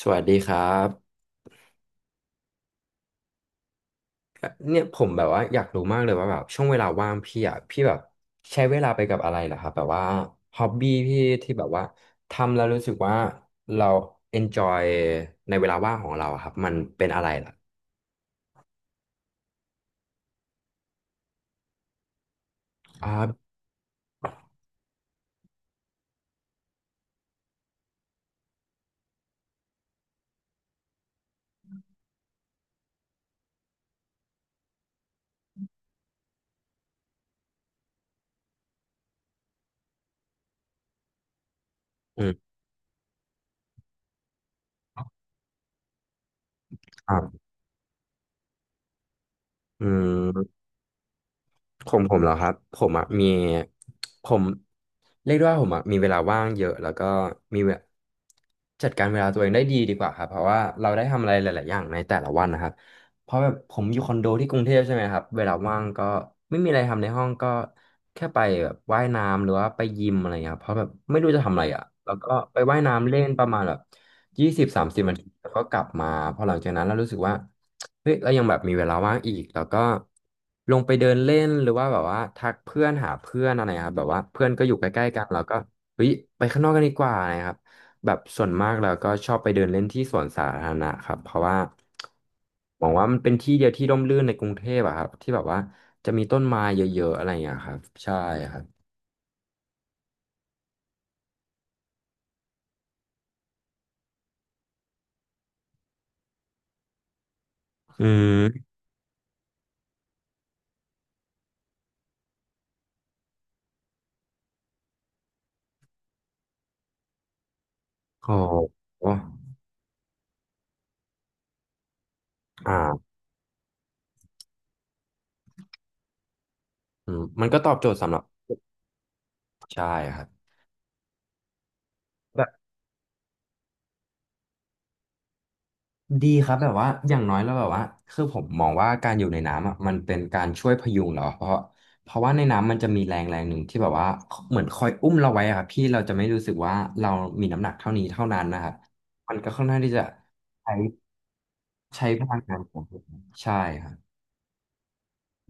สวัสดีครับเนี่ยผมแบบว่าอยากรู้มากเลยว่าแบบช่วงเวลาว่างพี่อ่ะพี่แบบใช้เวลาไปกับอะไรเหรอครับแบบว่าฮ็อบบี้พี่ที่แบบว่าทำแล้วรู้สึกว่าเรา enjoy ในเวลาว่างของเราอะครับมันเป็นอะไรล่ะครับอืมครับอืม ของผมเหรอครับผมอ่ะมีผมเรียกได้ว่าผมอ่ะมีเวลาว่างเยอะแล้วก็มีเวจัดการเวลาตัวเองได้ดีกว่าครับเพราะว่าเราได้ทำอะไรหลายๆอย่างในแต่ละวันนะครับเพราะแบบผมอยู่คอนโดที่กรุงเทพใช่ไหมครับเวลาว่างก็ไม่มีอะไรทำในห้องก็แค่ไปแบบว่ายน้ำหรือว่าไปยิมอะไรเงี้ยครับเพราะแบบไม่รู้จะทำอะไรอ่ะแล้วก็ไปว่ายน้ำเล่นประมาณแบบ 20-30 นาทีแล้วก็กลับมาพอหลังจากนั้นเรารู้สึกว่าเฮ้ยเรายังแบบมีเวลาว่างอีกแล้วก็ลงไปเดินเล่นหรือว่าแบบว่าทักเพื่อนหาเพื่อนอะไรครับแบบว่าเพื่อนก็อยู่ใกล้ๆกันเราก็เฮ้ยไปข้างนอกกันดีกว่านะครับแบบส่วนมากเราก็ชอบไปเดินเล่นที่สวนสาธารณะครับเพราะว่าหวังว่ามันเป็นที่เดียวที่ร่มรื่นในกรุงเทพอะครับที่แบบว่าจะมีต้นไม้เยอะๆอะไรอย่างเงี้ยครับใช่ครับอืมโอ้อ่าอืมมันก็ตอบโจทย์สำหรับใช่ครับแบ ดีครับแบบว่าอย่างน้อยแล้วแบบว่าคือผมมองว่าการอยู่ในน้ำอ่ะมันเป็นการช่วยพยุงเราเพราะว่าในน้ำมันจะมีแรงแรงหนึ่งที่แบบว่าเหมือนคอยอุ้มเราไว้อะครับพี่เราจะไม่รู้สึกว่าเรามีน้ำหนักเท่านี้เท่านั้นนะครับมันก็ค่อนข้างที่จะใช้ใช้พลังงานของผมใช่ครับ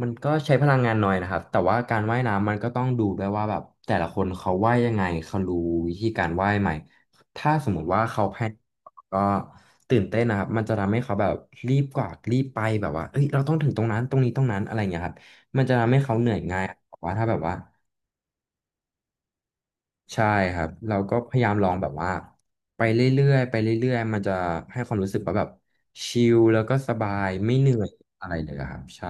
มันก็ใช้พลังงานน้อยนะครับแต่ว่าการว่ายน้ำมันก็ต้องดูด้วยว่าแบบแต่ละคนเขาว่ายยังไงเขารู้วิธีการว่ายไหมถ้าสมมุติว่าเขาแพ้ก็ตื่นเต้นนะครับมันจะทำให้เขาแบบรีบกว่ารีบไปแบบว่าเอ้ยเราต้องถึงตรงนั้นตรงนี้ตรงนั้นอะไรอย่างเงี้ยครับมันจะทำให้เขาเหนื่อยง่ายแต่ว่าถ้าแบบว่าใช่ครับเราก็พยายามลองแบบว่าไปเรื่อยๆไปเรื่อยๆมันจะให้ความรู้สึกว่าแบบชิลแล้วก็สบายไม่เหนื่อยอะไรเลยอะครับใช่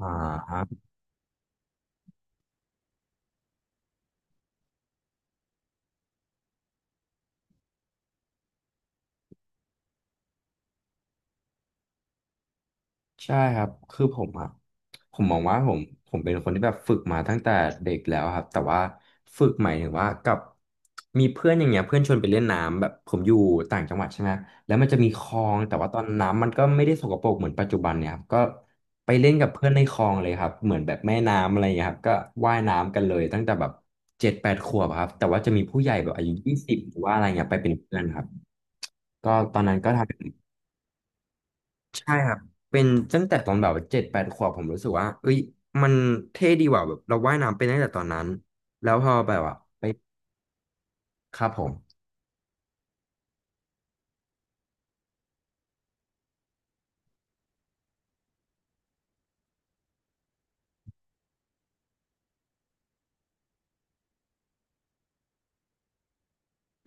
อ่า ใช่ครับคือผมมองว่าผมเป็นคนที่แบบฝึกมาตั้งแต่เด็กแล้วครับแต่ว่าฝึกหมายถึงว่ากับมีเพื่อนอย่างเงี้ยเพื่อนชวนไปเล่นน้ำแบบผมอยู่ต่างจังหวัดใช่ไหมแล้วมันจะมีคลองแต่ว่าตอนน้ำมันก็ไม่ได้สกปรกเหมือนปัจจุบันเนี่ยครับก็ไปเล่นกับเพื่อนในคลองเลยครับเหมือนแบบแม่น้ำอะไรอย่างเงี้ยครับก็ว่ายน้ำกันเลยตั้งแต่แบบเจ็ดแปดขวบอะครับแต่ว่าจะมีผู้ใหญ่แบบอายุยี่สิบหรือว่าอะไรเงี้ยไปเป็นเพื่อนครับก็ตอนนั้นก็ทำ ใช่ครับเป็นตั้งแต่ตอนแบบเจ็ดแปดขวบผมรู้สึกว่าเอ้ยมันเท่ดีว่ะแบบเราว่ายน้ำเป็นตั้งแต่ตอนนั้นแล้วพอแบบว่าไปครับผม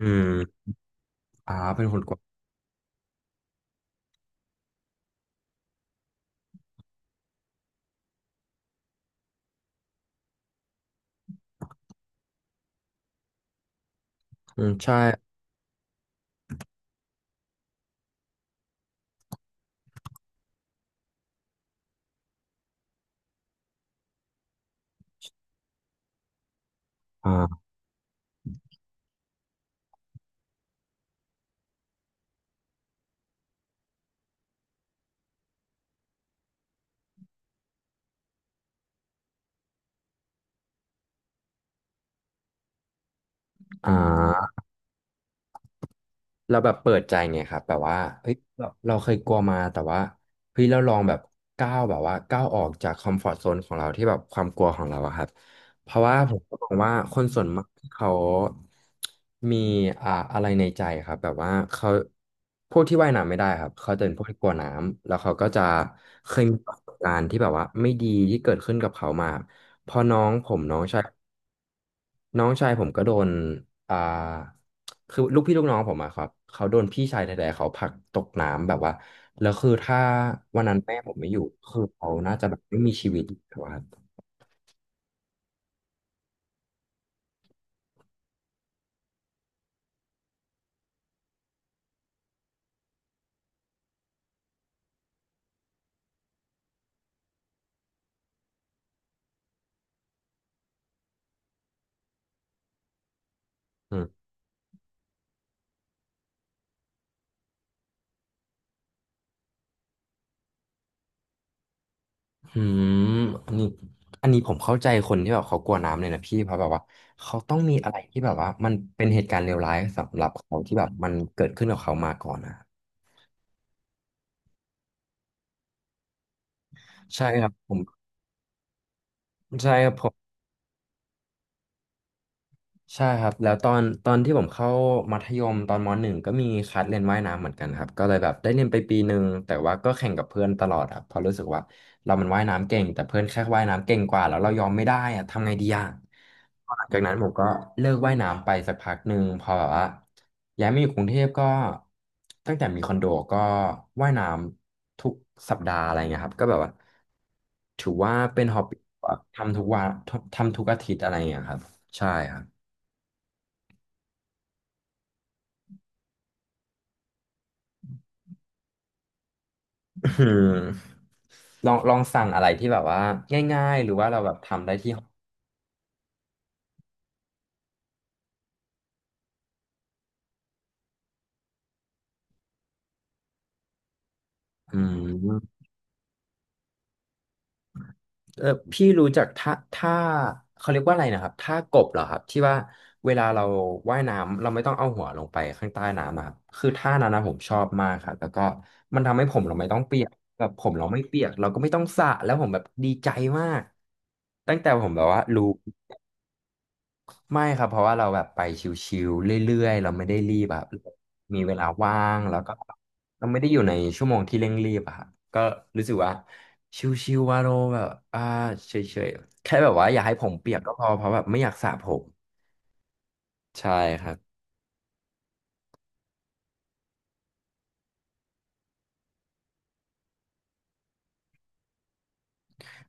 อืมอ่าเป็นคนกลัวอืมใช่อ่าอ่าเราแบบเปิดใจไงครับแบบว่าเฮ้ยเราเคยกลัวมาแต่ว่าเฮ้ยเราลองแบบก้าวแบบว่าก้าวออกจากคอมฟอร์ z โซนของเราที่แบบความกลัวของเราอะครับ เพราะว่าผมก็มองว่าคนส่วนมากที่เขามีอ่าอะไรในใจครับแบบว่าเขาพวกที่ว่ายน้ำไม่ได้ครับเขาจะเป็นพวกที่กลัวน้ำแล้วเขาก็จะเคยมีประสบการณ์ที่แบบว่าไม่ดีที่เกิดขึ้นกับเขามาพอน้องผมน้องชายน้องชายผมก็โดนอ่าคือลูกพี่ลูกน้องผมอะครับเขาโดนพี่ชายแท้ๆเขาผลักตกน้ำแบบว่าแล้วคือถ้าวันนั้นแม่ผมไม่อยู่คือเขาน่าจะแบบไม่มีชีวิตอยู่แล้วอะครับ อืมอันนี้อันนี้ผมเข้าใจคนที่แบบเขากลัวน้ำเลยนะพี่เพราะแบบว่าเขาต้องมีอะไรที่แบบว่ามันเป็นเหตุการณ์เลวร้ายสำหรับเขาที่แบบมันเกิดขึ้นกับเขามาก่อนนะใช่ครับผมใช่ครับผม ใช่ครับแล้วตอนที่ผมเข้ามัธยมตอนมหนึ่งก็มีคัดเรียนว่ายน้ำเหมือนกันครับก็เลยแบบได้เรียนไปปีหนึ่งแต่ว่าก็แข่งกับเพื่อนตลอดครับเพราะรู้สึกว่าเรามันว่ายน้ำเก่งแต่เพื่อนแค่ว่ายน้ำเก่งกว่าแล้วเรายอมไม่ได้อะทำไงดีอ่ะหลังจากนั้นผมก็เลิกว่ายน้ำไปสักพักหนึ่งพอแบบว่าย้ายมาอยู่กรุงเทพก็ตั้งแต่มีคอนโดก็ว่ายน้ำทุกสัปดาห์อะไรเงี้ยครับก็แบบว่าถือว่าเป็นฮอบบี้ทำทุกวันทำทุกอาทิตย์อะไรเงี้ยครับใช่ครับ อืมลองสั่งอะไรที่แบบว่าง่ายๆหรือว่าเราแบบทำได้ที่ห้องอืมเออพี่รู้จักท่าเขาเรียกว่าอะไรนะครับท่ากบเหรอครับที่ว่าเวลาเราว่ายน้ำเราไม่ต้องเอาหัวลงไปข้างใต้น้ำอะครับคือท่านั้นนะผมชอบมากครับแล้วก็มันทำให้ผมเราไม่ต้องเปียกแบบผมเราไม่เปียกเราก็ไม่ต้องสระแล้วผมแบบดีใจมากตั้งแต่ผมแบบว่ารู้ ไม่ครับเพราะว่าเราแบบไปชิวๆเรื่อยๆเราไม่ได้รีบแบบมีเวลาว่างแล้วก็เราไม่ได้อยู่ในชั่วโมงที่เร่งรีบอะครับก็รู้สึกว่าชิวๆว่าเราแบบเฉยๆแค่แบบว่าอย่าให้ผมเปียกก็พอเพราะแบบไม่อยากสระผมใช่ครับ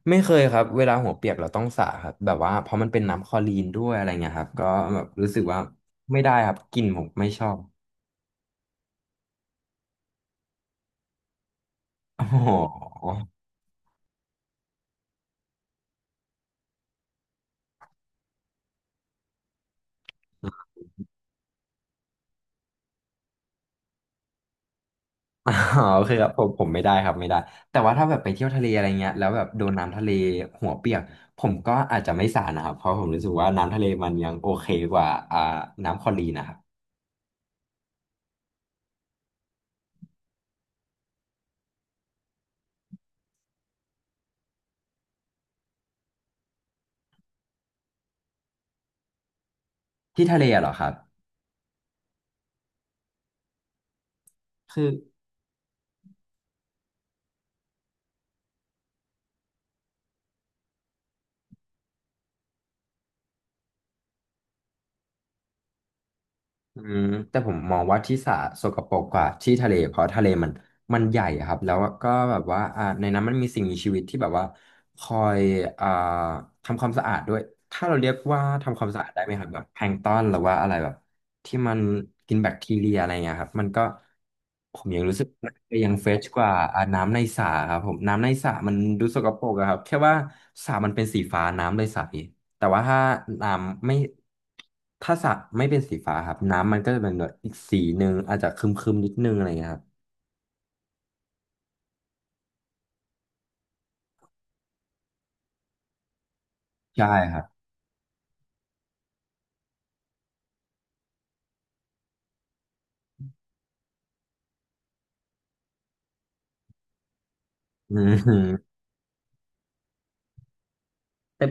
ไม่เคยครับเวลาหัวเปียกเราต้องสระครับแบบว่าเพราะมันเป็นน้ำคลอรีนด้วยอะไรเงี้ยครับก็แบบรู้สึกว่าไม่ได้ครับกลิ่นผมไม่ชอบโอ้โห อ๋อโอเคครับผมไม่ได้ครับไม่ได้แต่ว่าถ้าแบบไปเที่ยวทะเลอะไรเงี้ยแล้วแบบโดนน้ำทะเลหัวเปียกผมก็อาจจะไม่สานะครับเพราะผมรู้สึกว่าน้ำทะเลมันยังโอเคกว่าน้ำคลอรีนนะครับที่ทะเลอะเหรอครับคือ อืมแต่ผมมองว่าที่สระสกปรกกว่าที่ทะเลเพราะทะเลมันใหญ่อะครับแล้วก็แบบว่าในนั้นมันมีสิ่งมีชีวิตที่แบบว่าคอยอ่าทำความสะอาดด้วยถ้าเราเรียกว่าทำความสะอาดได้ไหมครับแบบแพลงก์ตอนหรือว่าอะไรแบบที่มันกินแบคทีเรียอะไรเงี้ยครับมันก็ผมยังรู้สึกว่ายังเฟรชกว่าอาน้ำในสระครับผมน้ำในสระมันดูสกปรกอะครับแค่ว่าสระมันเป็นสีฟ้าน้ำเลยใส แต่ว่าถ้าน้ำไม่ถ้าสระไม่เป็นสีฟ้าครับน้ำมันก็จะเป็นแบบอีกสีหนึ่งอาจจะครึมๆนิดนึงอะไรเงี้ยครับใช่ครับอืมแต่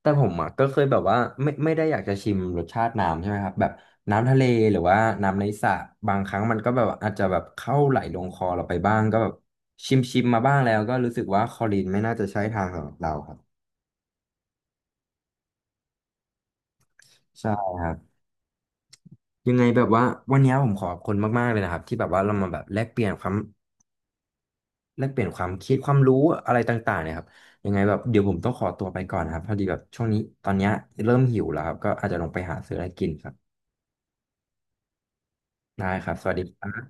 แต่ผมอ่ะก็เคยแบบว่าไม่ได้อยากจะชิมรสชาติน้ำใช่ไหมครับแบบน้ำทะเลหรือว่าน้ำในสระบางครั้งมันก็แบบอาจจะแบบเข้าไหลลงคอเราไปบ้างก็แบบชิมมาบ้างแล้วก็รู้สึกว่าคลอรินไม่น่าจะใช่ทางสำหรับเราครับใช่ครับยังไงแบบว่าวันนี้ผมขอบคุณมากๆเลยนะครับที่แบบว่าเรามาแบบแลกเปลี่ยนความ แลกเปลี่ยนความคิดความรู้อะไรต่างๆเนี่ยครับยังไงแบบเดี๋ยวผมต้องขอตัวไปก่อนนะครับพอดีแบบช่วงนี้ตอนเนี้ยเริ่มหิวแล้วครับก็อาจจะลงไปหาซื้ออะไรกินครับได้ครับสวัสดีครับ